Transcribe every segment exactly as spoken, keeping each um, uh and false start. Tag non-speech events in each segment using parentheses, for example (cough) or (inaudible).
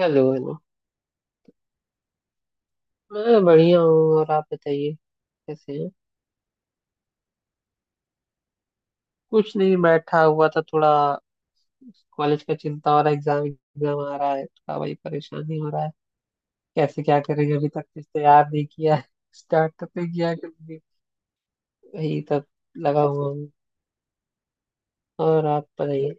Hello hello. मैं बढ़िया हूँ और आप बताइए। कैसे हैं। कुछ नहीं, बैठा हुआ था थोड़ा। कॉलेज का चिंता हो रहा है, एग्जाम एग्जाम आ रहा है, थोड़ा वही परेशानी हो रहा है। कैसे क्या करेंगे, अभी तक कुछ तैयार नहीं किया है। स्टार्ट तो नहीं किया है कभी। वही तब लगा हुआ हूँ। और आप बताइए।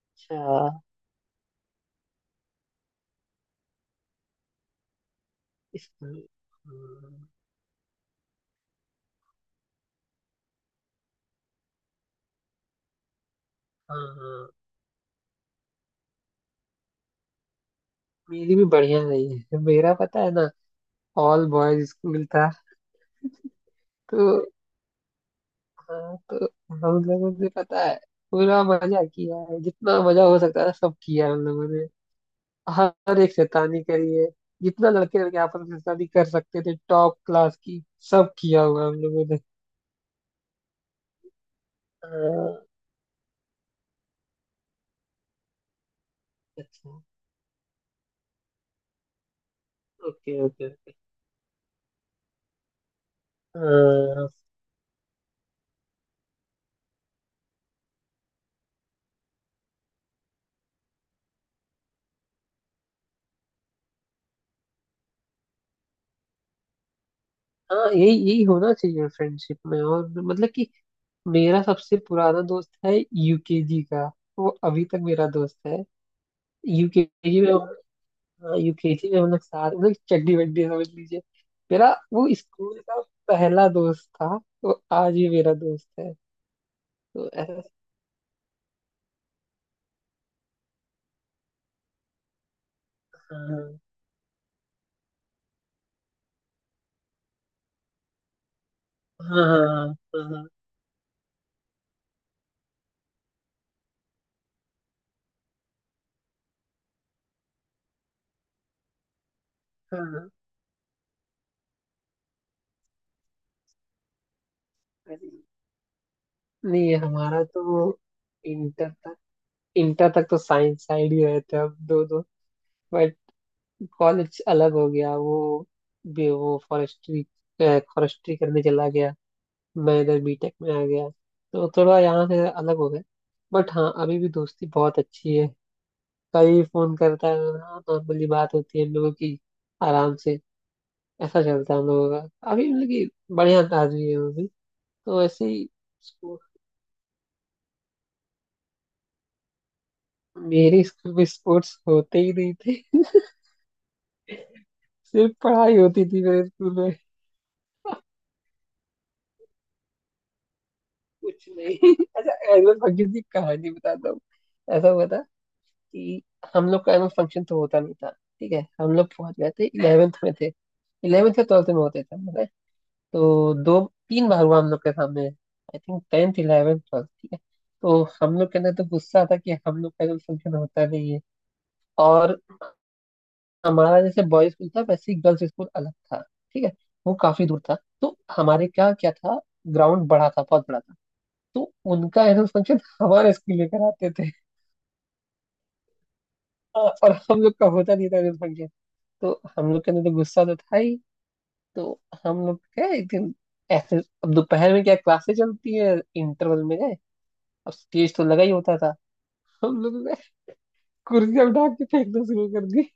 अच्छा। इसमें। हाँ। हाँ, मेरी भी बढ़िया नहीं है, मेरा पता है ना। ऑल बॉयज स्कूल था। तो हाँ, तो हम लोगों से पता है। पूरा मजा किया है, जितना मजा हो सकता है सब किया है हम लोगों ने। हर एक शैतानी करी है, जितना लड़के लड़के आपस में शैतानी कर सकते थे टॉप क्लास की, सब किया हुआ है हम लोगों ने। हाँ, अच्छा। Okay okay okay. हाँ। हाँ, यही यही होना चाहिए फ्रेंडशिप में। और मतलब कि मेरा सबसे पुराना दोस्त है यूकेजी का। वो अभी तक मेरा दोस्त है। यूकेजी में। यूकेजी में हम लोग साथ, मतलब चड्डी वड्डी समझ लीजिए। मेरा वो स्कूल का पहला दोस्त था, तो आज भी मेरा दोस्त है। तो ऐसा। हाँ हाँ हाँ। हाँ हाँ हाँ। अरे, नहीं हमारा तो इंटर तक, इंटर तक तो साइंस साइड ही रहते हम दो दो। बट कॉलेज अलग हो गया वो। बे- वो फॉरेस्ट्री फॉरेस्ट्री करने चला गया। मैं इधर बीटेक में आ गया, तो थोड़ा यहाँ से अलग हो गया। बट हाँ, अभी भी दोस्ती बहुत अच्छी है। कभी फोन करता है ना, नॉर्मली बात होती है हम लोगों की आराम से। ऐसा चलता है हम लोगों का अभी, मतलब कि बढ़िया आदमी है वो भी। तो ऐसे ही। उसको- मेरे स्कूल में स्पोर्ट्स होते ही नहीं थे (laughs) सिर्फ पढ़ाई होती थी मेरे स्कूल में। कुछ नहीं (laughs) अच्छा, एनुअल फंक्शन की कहानी बताता हूँ। ऐसा हुआ था कि हम लोग का एनुअल फंक्शन तो होता नहीं था। ठीक है, हम लोग पहुंच गए थे इलेवेंथ में थे, इलेवेंथ या ट्वेल्थ में होते थे मतलब। तो दो तीन बार हुआ हम लोग के सामने, I think tenth eleventh twelfth, ठीक है। तो हम लोग के अंदर तो गुस्सा था कि हम लोग का जो फंक्शन होता नहीं है। और हमारा जैसे बॉयज स्कूल था, वैसे ही गर्ल्स स्कूल अलग था, ठीक है। वो काफी दूर था, तो हमारे क्या क्या था, ग्राउंड बड़ा था, बहुत बड़ा था। तो उनका एनुअल फंक्शन (laughs) हमारे स्कूल में कराते थे। हाँ, और हम लोग का होता नहीं था एनुअल फंक्शन। तो हम लोग के अंदर तो गुस्सा तो था ही। तो हम लोग गए एक दिन ऐसे, अब दोपहर में क्या क्लासेस चलती है, इंटरवल में गए। अब स्टेज तो लगा ही होता था, हम लोगों ने कुर्सियां उठा के फेंकना शुरू कर दी।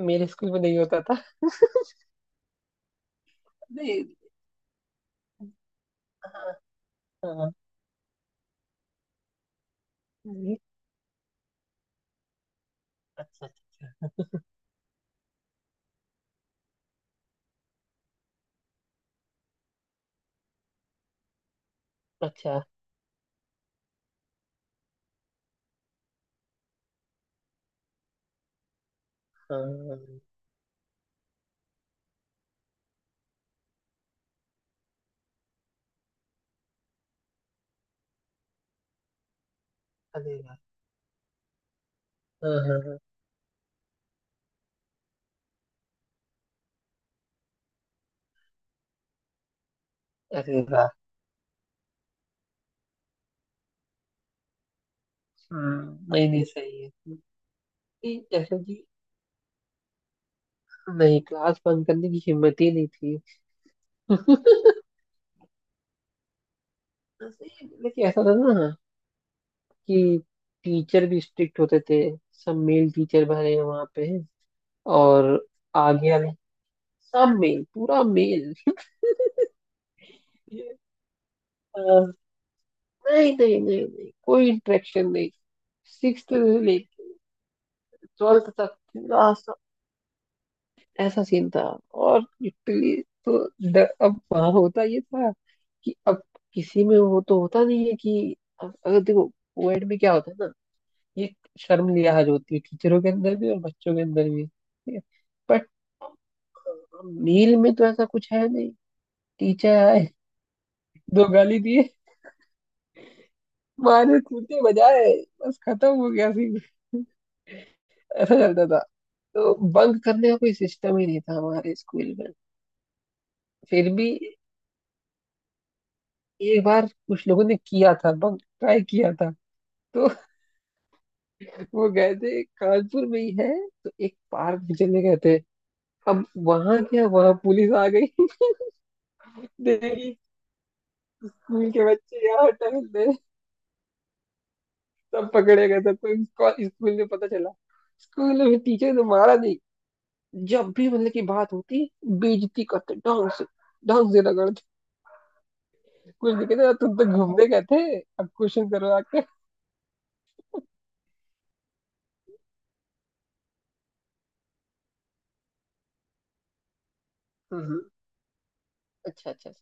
मेरे स्कूल में नहीं होता था। नहीं। हाँ। हाँ। ये- अच्छा अच्छा। अच्छा अच्छा, हाँ। अरे वाह। हाँ हाँ हाँ, अरे वाह। हम्म, नहीं नहीं, सही है। ये जैसे कि, नहीं क्लास बंद करने की हिम्मत ही नहीं थी (laughs) सही है, लेकिन ऐसा था ना कि टीचर भी स्ट्रिक्ट होते थे। सब मेल टीचर भरे हैं वहां पे। और आगे वाले सब मेल, पूरा मेल (laughs) हाँ, नहीं नहीं नहीं नहीं, कोई इंटरेक्शन नहीं। सिक्स से लेके ट्वेल्थ तक पूरा सा- ऐसा सीन था। और लिटरली तो ड- अब वहां होता ये था कि अब किसी में वो तो होता नहीं है कि, अब अगर देखो कोविड में क्या होता है ना, ये शर्म लिहाज होती है टीचरों के अंदर भी और बच्चों के अंदर भी, ठीक है। बट मील में तो ऐसा कुछ है नहीं। टीचर आए, दो गाली दिए, मारे कूटे बजाए, बस खत्म हो गया सीन (laughs) ऐसा चलता था, तो बंक करने का कोई सिस्टम ही नहीं था हमारे स्कूल में। फिर भी एक बार कुछ लोगों ने किया था, बंक ट्राई किया था। तो (laughs) वो गए थे, कानपुर में ही है, तो एक पार्क में चले गए थे। अब वहां क्या, वहां पुलिस आ गई (laughs) देखी, स्कूल के बच्चे यहाँ टहल रहे हैं। सब पकड़े गए, सबको स्कूल में पता चला। स्कूल में टीचर ने मारा नहीं, जब भी मतलब की बात होती, बेइज्जती करते ढंग से, ढंग से रगड़ते। कुछ नहीं कहते, तुम तो घूमने गए थे, अब क्वेश्चन करो आके। हम्म, अच्छा अच्छा।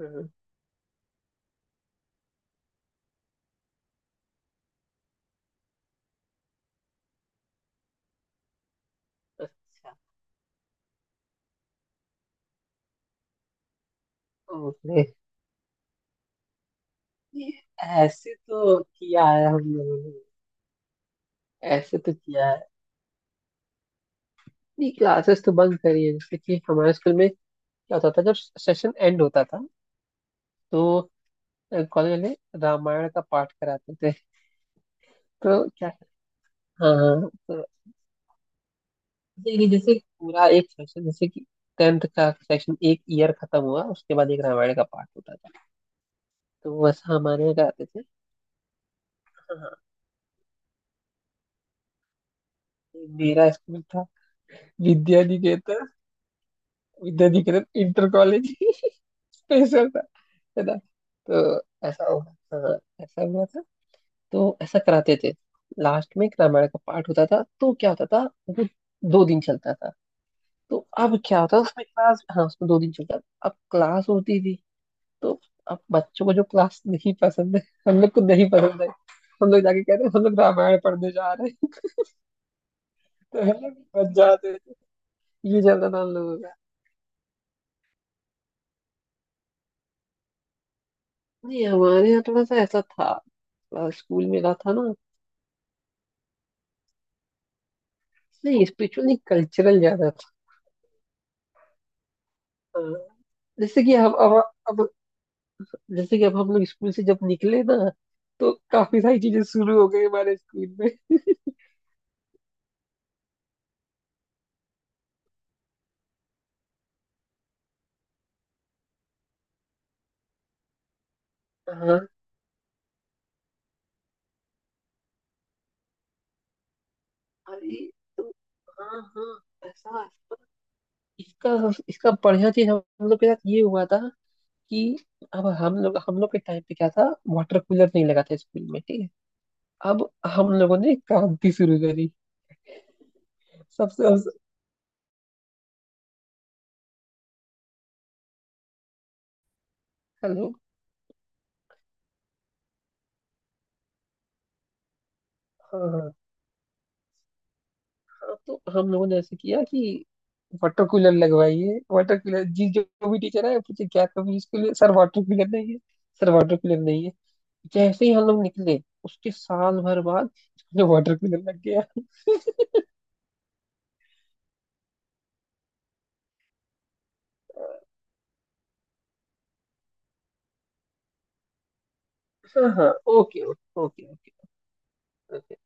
हम्म, अच्छा। ओके। ये ऐसे तो किया है हम लोगों ने, ऐसे तो किया है। नहीं, क्लासेस तो बंक करी है। जैसे कि हमारे स्कूल में क्या होता था, जब सेशन एंड होता था तो कॉलेज वाले रामायण का पाठ कराते थे। तो क्या, हाँ हाँ, तो ये नहीं, जैसे पूरा एक सेशन, जैसे कि टेंथ का सेशन, एक ईयर खत्म हुआ, उसके बाद एक रामायण का पाठ होता था। तो वैसा हमारे यहाँ कराते थे। हाँ हाँ, मेरा स्कूल था विद्या निकेतन, विद्याधिकृत इंटर कॉलेज, स्पेशल (laughs) था, है ना। तो ऐसा होगा। हाँ, ऐसा हुआ था, तो ऐसा कराते थे। लास्ट में एक रामायण का पाठ होता था। तो क्या होता था, वो दो दिन चलता था। तो अब क्या होता उसमें क्लास, हाँ उसमें दो दिन चलता था। अब क्लास होती थी, तो अब बच्चों को जो क्लास नहीं पसंद है, हम लोग को नहीं पसंद है, हम लोग जाके कहते हैं हम लोग रामायण पढ़ने जा रहे हैं। तो हम लोग बच जाते थे। ये चलता था हम लोगों का। नहीं हमारे यहाँ थोड़ा सा ऐसा था, स्कूल मेरा था ना। नहीं, स्पिरिचुअली कल्चरल ज्यादा था। हाँ, जैसे कि हम अब अब जैसे कि अब हम लोग स्कूल से जब निकले ना, तो काफी सारी चीजें शुरू हो गई हमारे स्कूल में। हाँ। अरे, तो हाँ हाँ, ऐसा, इसका इसका बढ़िया चीज हम हम लोग के साथ ये हुआ था कि अब हम लोग हम लोग के टाइम पे क्या था, वाटर कूलर नहीं लगा था स्कूल में, ठीक है। अब हम लोगों ने क्रांति शुरू करी सबसे। हेलो। हाँ, तो हम लोगों ने ऐसे किया कि वाटर कूलर लगवाइए, वाटर कूलर जी, जो जो भी टीचर आए पूछे, क्या कभी इसके लिए, सर वाटर कूलर नहीं है, सर वाटर कूलर नहीं है। जैसे ही हम लोग निकले, उसके साल भर बाद वाटर कूलर लग गया। हाँ हाँ। Okay okay okay okay okay.